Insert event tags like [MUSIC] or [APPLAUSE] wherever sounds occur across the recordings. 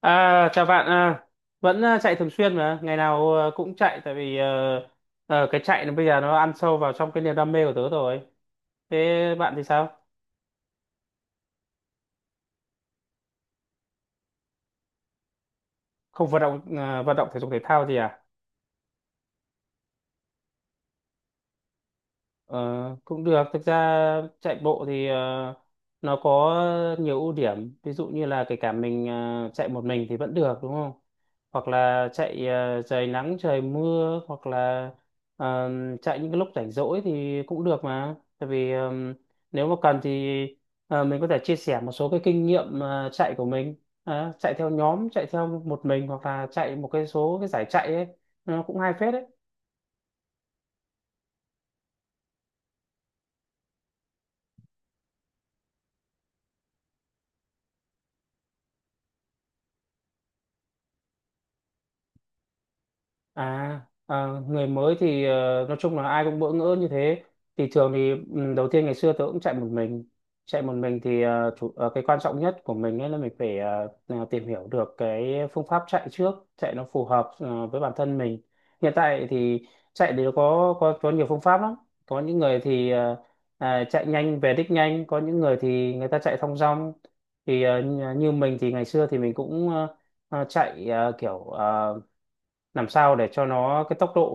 À, chào bạn, vẫn chạy thường xuyên mà, ngày nào cũng chạy tại vì cái chạy nó bây giờ nó ăn sâu vào trong cái niềm đam mê của tớ rồi. Thế bạn thì sao? Không vận động à? Vận động thể dục thể thao gì à? Ờ, cũng được. Thực ra chạy bộ thì nó có nhiều ưu điểm, ví dụ như là kể cả mình chạy một mình thì vẫn được đúng không, hoặc là chạy trời nắng trời mưa, hoặc là ờ, chạy những cái lúc rảnh rỗi thì cũng được, mà tại vì nếu mà cần thì mình có thể chia sẻ một số cái kinh nghiệm chạy của mình. Ờ, chạy theo nhóm, chạy theo một mình hoặc là chạy một cái số cái giải chạy ấy, nó cũng hay phết đấy. À, người mới thì nói chung là ai cũng bỡ ngỡ như thế. Thì thường thì đầu tiên ngày xưa tớ cũng chạy một mình. Chạy một mình thì cái quan trọng nhất của mình ấy là mình phải tìm hiểu được cái phương pháp chạy trước, chạy nó phù hợp với bản thân mình. Hiện tại thì chạy thì có nhiều phương pháp lắm. Có những người thì chạy nhanh về đích nhanh, có những người thì người ta chạy thong dong. Thì như như mình thì ngày xưa thì mình cũng chạy kiểu làm sao để cho nó cái tốc độ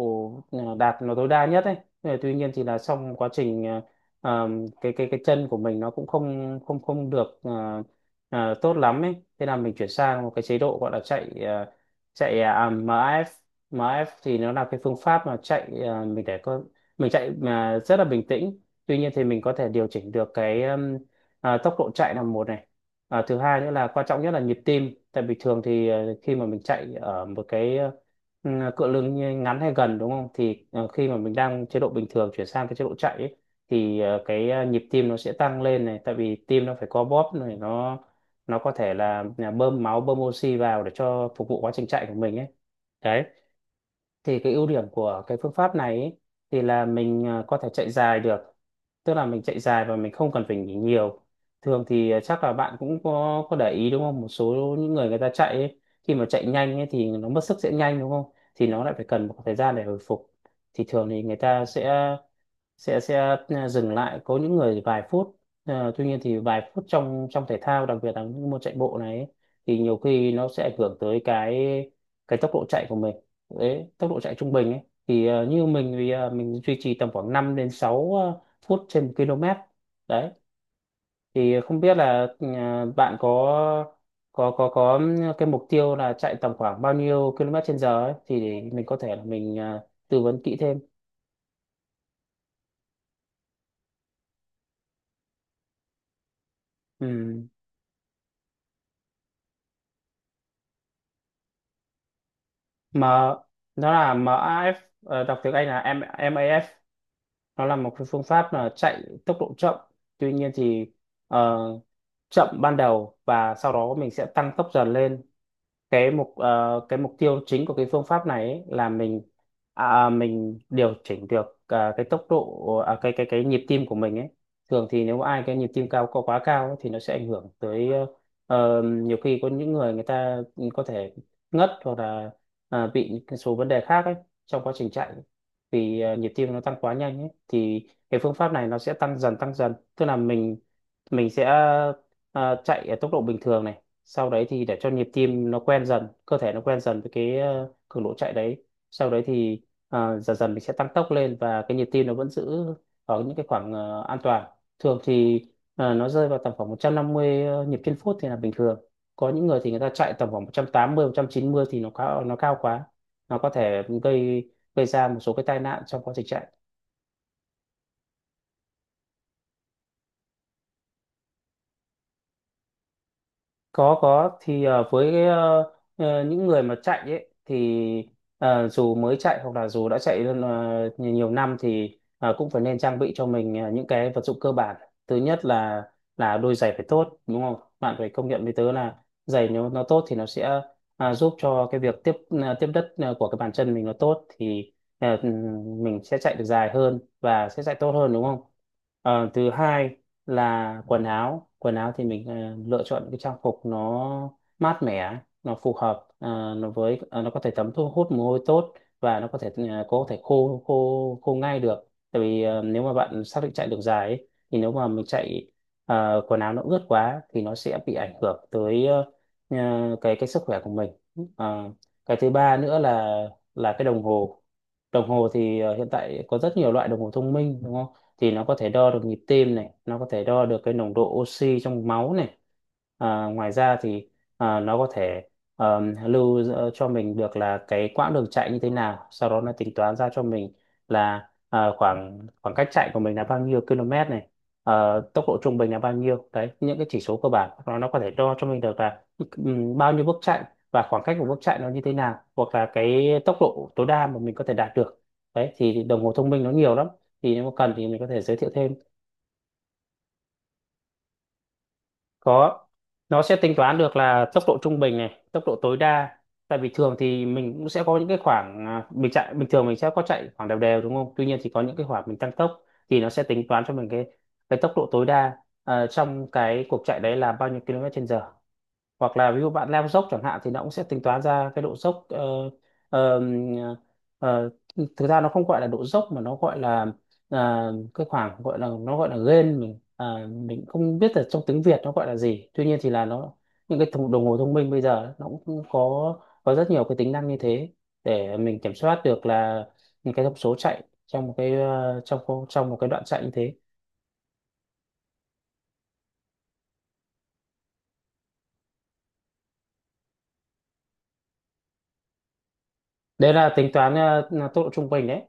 đạt nó tối đa nhất ấy. Ờ, tuy nhiên thì là trong quá trình cái chân của mình nó cũng không không không được tốt lắm ấy, thế là mình chuyển sang một cái chế độ gọi là chạy chạy MF. MF thì nó là cái phương pháp mà chạy mình để có mình chạy mà rất là bình tĩnh. Tuy nhiên thì mình có thể điều chỉnh được cái tốc độ chạy là một này. Ờ, thứ hai nữa là quan trọng nhất là nhịp tim, tại vì thường thì khi mà mình chạy ở một cái ừ, cựa lưng ly ngắn hay gần đúng không, thì ờ, khi mà mình đang chế độ bình thường chuyển sang cái chế độ chạy ấy, thì cái nhịp tim nó sẽ tăng lên này, tại vì tim nó phải co bóp này, nó có thể là bơm máu bơm oxy vào để cho phục vụ quá trình chạy của mình ấy đấy. Thì cái ưu điểm của cái phương pháp này ấy, thì là mình có thể chạy dài được, tức là mình chạy dài và mình không cần phải nghỉ nhiều. Thường thì chắc là bạn cũng có để ý đúng không, một số những người, người ta chạy ấy, khi mà chạy nhanh ấy, thì nó mất sức sẽ nhanh đúng không, thì nó lại phải cần một thời gian để hồi phục. Thì thường thì người ta sẽ dừng lại, có những người vài phút. Ờ, tuy nhiên thì vài phút trong trong thể thao, đặc biệt là những môn chạy bộ này ấy, thì nhiều khi nó sẽ ảnh hưởng tới cái tốc độ chạy của mình. Đấy, tốc độ chạy trung bình ấy, thì như mình thì mình duy trì tầm khoảng 5 đến 6 phút trên một km đấy. Thì không biết là bạn có cái mục tiêu là chạy tầm khoảng bao nhiêu km trên giờ ấy, thì mình có thể là mình tư vấn kỹ thêm. Ừ. M nó là MAF. Đọc tiếng Anh là MAF, nó là một cái phương pháp là chạy tốc độ chậm. Tuy nhiên thì ờ, chậm ban đầu và sau đó mình sẽ tăng tốc dần lên. Cái mục tiêu chính của cái phương pháp này ấy là mình mình điều chỉnh được cái tốc độ, cái nhịp tim của mình ấy. Thường thì nếu ai cái nhịp tim cao, có quá cao ấy, thì nó sẽ ảnh hưởng tới. Ờ, Nhiều khi có những người, người ta có thể ngất hoặc là bị những cái số vấn đề khác ấy trong quá trình chạy. Vì nhịp tim nó tăng quá nhanh ấy, thì cái phương pháp này nó sẽ tăng dần tăng dần, tức là mình sẽ chạy ở tốc độ bình thường này. Sau đấy thì để cho nhịp tim nó quen dần, cơ thể nó quen dần với cái cường độ chạy đấy. Sau đấy thì dần dần mình sẽ tăng tốc lên và cái nhịp tim nó vẫn giữ ở những cái khoảng an toàn. Thường thì nó rơi vào tầm khoảng 150 nhịp trên phút thì là bình thường. Có những người thì người ta chạy tầm khoảng 180 190, thì nó cao, nó cao quá, nó có thể gây gây ra một số cái tai nạn trong quá trình chạy. Có. Thì với cái, những người mà chạy ấy thì dù mới chạy hoặc là dù đã chạy nhiều nhiều năm thì cũng phải nên trang bị cho mình những cái vật dụng cơ bản. Thứ nhất là đôi giày phải tốt đúng không, bạn phải công nhận với tớ là giày nếu nó tốt thì nó sẽ giúp cho cái việc tiếp đất của cái bàn chân mình nó tốt, thì ờ, mình sẽ chạy được dài hơn và sẽ chạy tốt hơn đúng không. Ờ, thứ hai là quần áo. Quần áo thì mình lựa chọn những cái trang phục nó mát mẻ, nó phù hợp nó với nó có thể thấm thu hút mồ hôi tốt và nó có thể có thể khô khô khô ngay được, tại vì nếu mà bạn xác định chạy đường dài ấy, thì nếu mà mình chạy quần áo nó ướt quá thì nó sẽ bị ảnh hưởng tới cái sức khỏe của mình. Ờ, cái thứ ba nữa là cái đồng hồ. Đồng hồ thì hiện tại có rất nhiều loại đồng hồ thông minh đúng không, thì nó có thể đo được nhịp tim này, nó có thể đo được cái nồng độ oxy trong máu này. Ngoài ra thì nó có thể lưu giữ cho mình được là cái quãng đường chạy như thế nào, sau đó nó tính toán ra cho mình là khoảng khoảng cách chạy của mình là bao nhiêu km này, tốc độ trung bình là bao nhiêu. Đấy, những cái chỉ số cơ bản nó có thể đo cho mình được là bao nhiêu bước chạy và khoảng cách của bước chạy nó như thế nào, hoặc là cái tốc độ tối đa mà mình có thể đạt được. Đấy thì đồng hồ thông minh nó nhiều lắm, thì nếu mà cần thì mình có thể giới thiệu thêm. Có, nó sẽ tính toán được là tốc độ trung bình này, tốc độ tối đa. Tại vì thường thì mình cũng sẽ có những cái khoảng mình chạy bình thường, mình sẽ có chạy khoảng đều đều đúng không, tuy nhiên thì có những cái khoảng mình tăng tốc. Thì nó sẽ tính toán cho mình cái tốc độ tối đa trong cái cuộc chạy đấy là bao nhiêu km/h. Hoặc là ví dụ bạn leo dốc chẳng hạn thì nó cũng sẽ tính toán ra cái độ dốc. Ờ, ờ, ờ, Thực ra nó không gọi là độ dốc mà nó gọi là cái khoảng gọi là, nó gọi là gain. Mình không biết là trong tiếng Việt nó gọi là gì, tuy nhiên thì là nó, đồng hồ thông minh bây giờ nó cũng có rất nhiều cái tính năng như thế, để mình kiểm soát được là những cái thông số chạy trong một cái trong trong một cái đoạn chạy như thế. Đấy là tính toán tốc độ trung bình đấy.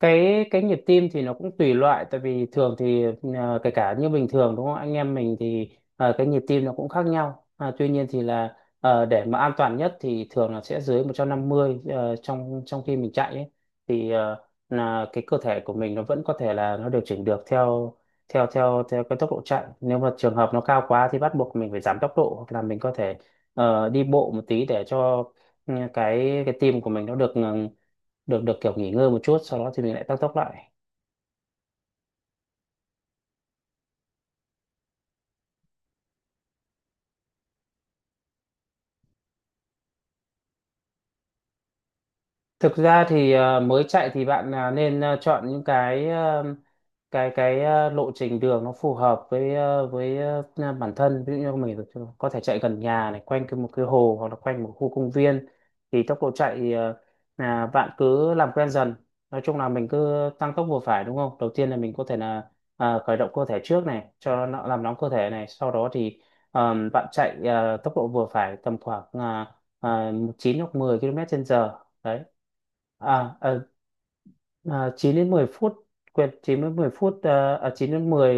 Cái nhịp tim thì nó cũng tùy loại, tại vì thường thì kể cả như bình thường đúng không, anh em mình thì cái nhịp tim nó cũng khác nhau, tuy nhiên thì là để mà an toàn nhất thì thường là sẽ dưới 150 trong trong khi mình chạy ấy, thì là cái cơ thể của mình nó vẫn có thể là nó điều chỉnh được theo theo theo theo cái tốc độ chạy, nếu mà Trường hợp nó cao quá thì bắt buộc mình phải giảm tốc độ, hoặc là mình có thể đi bộ một tí để cho cái tim của mình nó được được được kiểu nghỉ ngơi một chút, sau đó thì mình lại tăng tốc lại. Thực ra thì mới chạy thì bạn nên chọn những lộ trình đường nó phù hợp với bản thân. Ví dụ như mình có thể chạy gần nhà này, quanh cái một cái hồ hoặc là quanh một khu công viên. Thì tốc độ chạy thì, là bạn cứ làm quen dần. Nói chung là mình cứ tăng tốc vừa phải, đúng không? Đầu tiên là mình có thể là khởi động cơ thể trước này cho nó làm nóng cơ thể này, sau đó thì bạn chạy tốc độ vừa phải tầm khoảng 9 hoặc 10 km trên giờ đấy. à, à, 9 đến 10 phút, quên, 9 đến 10 phút, 9 đến mười,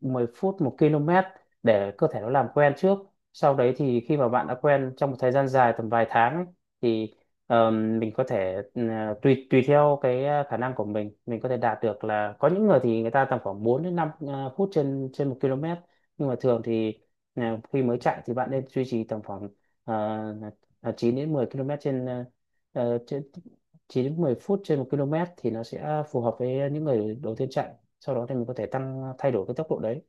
10 phút 1 km, để cơ thể nó làm quen trước. Sau đấy thì khi mà bạn đã quen trong một thời gian dài tầm vài tháng ấy, thì mình có thể tùy tùy theo khả năng của mình có thể đạt được là có những người thì người ta tầm khoảng 4 đến 5 phút trên trên 1 km. Nhưng mà thường thì khi mới chạy thì bạn nên duy trì tầm khoảng ờ, 9 đến 10 km trên trên 9 đến 10 phút trên 1 km thì nó sẽ phù hợp với những người đầu tiên chạy. Sau đó thì mình có thể tăng, thay đổi cái tốc độ đấy.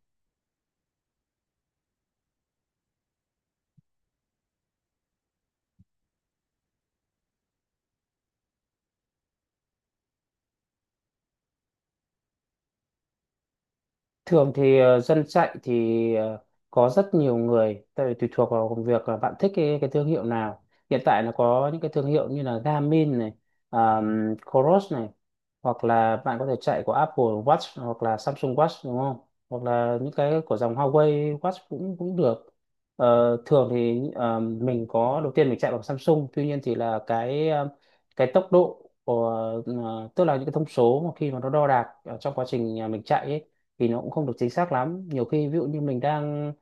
Thường thì dân chạy thì có rất nhiều người, tại vì tùy thuộc vào công việc là bạn thích cái thương hiệu nào. Hiện tại là có những cái thương hiệu như là Garmin này, Coros này, hoặc là bạn có thể chạy của Apple Watch hoặc là Samsung Watch, đúng không? Hoặc là những cái của dòng Huawei Watch cũng cũng được. Ờ, thường thì mình có đầu tiên mình chạy bằng Samsung, tuy nhiên thì là cái tốc độ của tức là những cái thông số mà khi mà nó đo đạc ở trong quá trình mình chạy ấy, thì nó cũng không được chính xác lắm. Nhiều khi ví dụ như mình đang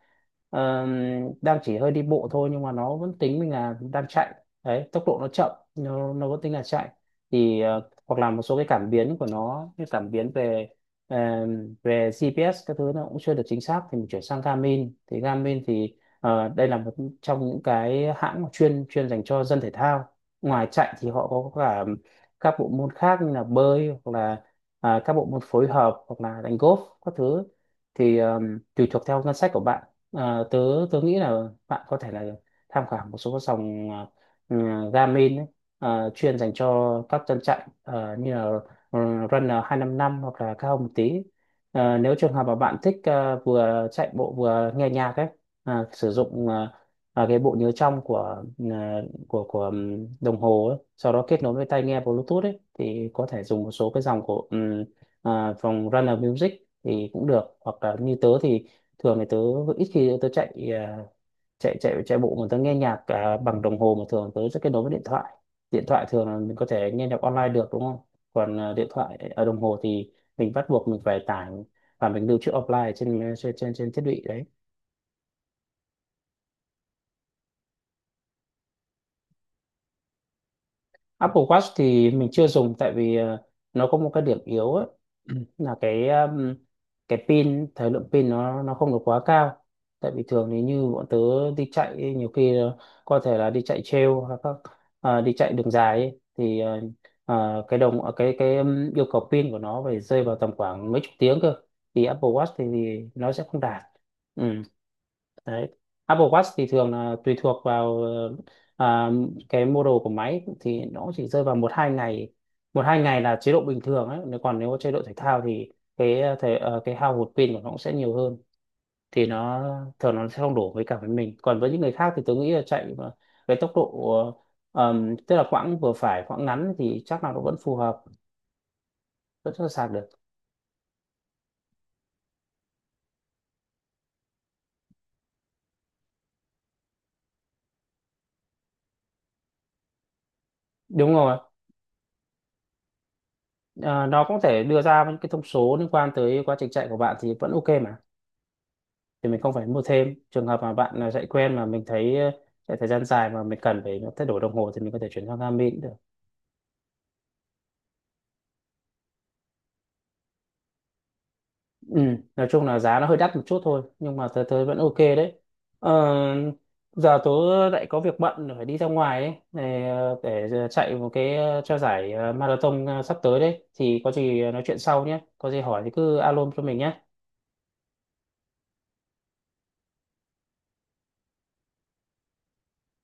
ờ, đang chỉ hơi đi bộ thôi nhưng mà nó vẫn tính mình là đang chạy đấy, tốc độ nó chậm nó vẫn tính là chạy. Thì hoặc là một số cái cảm biến của nó như cảm biến về ờ, về GPS các thứ nó cũng chưa được chính xác, thì mình chuyển sang Garmin. Thì Garmin thì đây là một trong những cái hãng mà chuyên chuyên dành cho dân thể thao. Ngoài chạy thì họ có cả các bộ môn khác như là bơi hoặc là các bộ môn phối hợp hoặc là đánh golf các thứ. Thì tùy thuộc theo ngân sách của bạn, tớ tớ nghĩ là bạn có thể là tham khảo một số các sòng ừ, Garmin ấy, chuyên dành cho các tân chạy như là ừ, Runner 255 hoặc là cao hơn một tí. Nếu trường hợp mà bạn thích vừa chạy bộ vừa nghe nhạc ấy, sử dụng cái bộ nhớ trong à, của đồng hồ ấy, sau đó kết nối với tai nghe Bluetooth ấy, thì có thể dùng một số cái dòng của dòng Runner Music thì cũng được. Hoặc là như tớ thì thường thì tớ ít khi tớ chạy chạy bộ mà tớ nghe nhạc bằng đồng hồ, mà thường tớ sẽ kết nối với điện thoại. Điện thoại thường là mình có thể nghe nhạc online được, đúng không? Còn điện thoại ở đồng hồ thì mình bắt buộc mình phải tải và mình lưu trữ offline trên trên trên trên thiết bị đấy. Apple Watch thì mình chưa dùng tại vì nó có một cái điểm yếu ấy, [CLEARS THROAT] là cái pin, thời lượng pin nó không được quá cao. Tại vì thường thì như bọn tớ đi chạy ấy, nhiều khi có thể là đi chạy trail hoặc các đi chạy đường dài ấy, thì cái đồng cái yêu cầu pin của nó phải rơi vào tầm khoảng mấy chục tiếng cơ, thì Apple Watch thì nó sẽ không đạt. Ừ. Đấy. Apple Watch thì thường là tùy thuộc vào à, cái model của máy thì nó chỉ rơi vào một hai ngày. Một hai ngày là chế độ bình thường ấy, nếu còn nếu chế độ thể thao thì cái hao hụt pin của nó cũng sẽ nhiều hơn. Thì nó thường nó sẽ không đổ với cả với mình, còn với những người khác thì tôi nghĩ là chạy mà với tốc độ tức là quãng vừa phải, quãng ngắn thì chắc là nó vẫn phù hợp, vẫn sẽ sạc được. Đúng rồi. Ờ, nó cũng thể đưa ra những cái thông số liên quan tới quá trình chạy của bạn thì vẫn ok mà, thì mình không phải mua thêm. Trường hợp mà bạn chạy quen mà mình thấy chạy thời gian dài mà mình cần phải thay đổi đồng hồ thì mình có thể chuyển sang Garmin cũng được. Ừ. Nói chung là giá nó hơi đắt một chút thôi, nhưng mà tớ tớ vẫn ok đấy. Ờ, giờ tớ lại có việc bận phải đi ra ngoài ấy, để chạy một cho giải marathon sắp tới đấy, thì có gì nói chuyện sau nhé, có gì hỏi thì cứ alo cho mình nhé.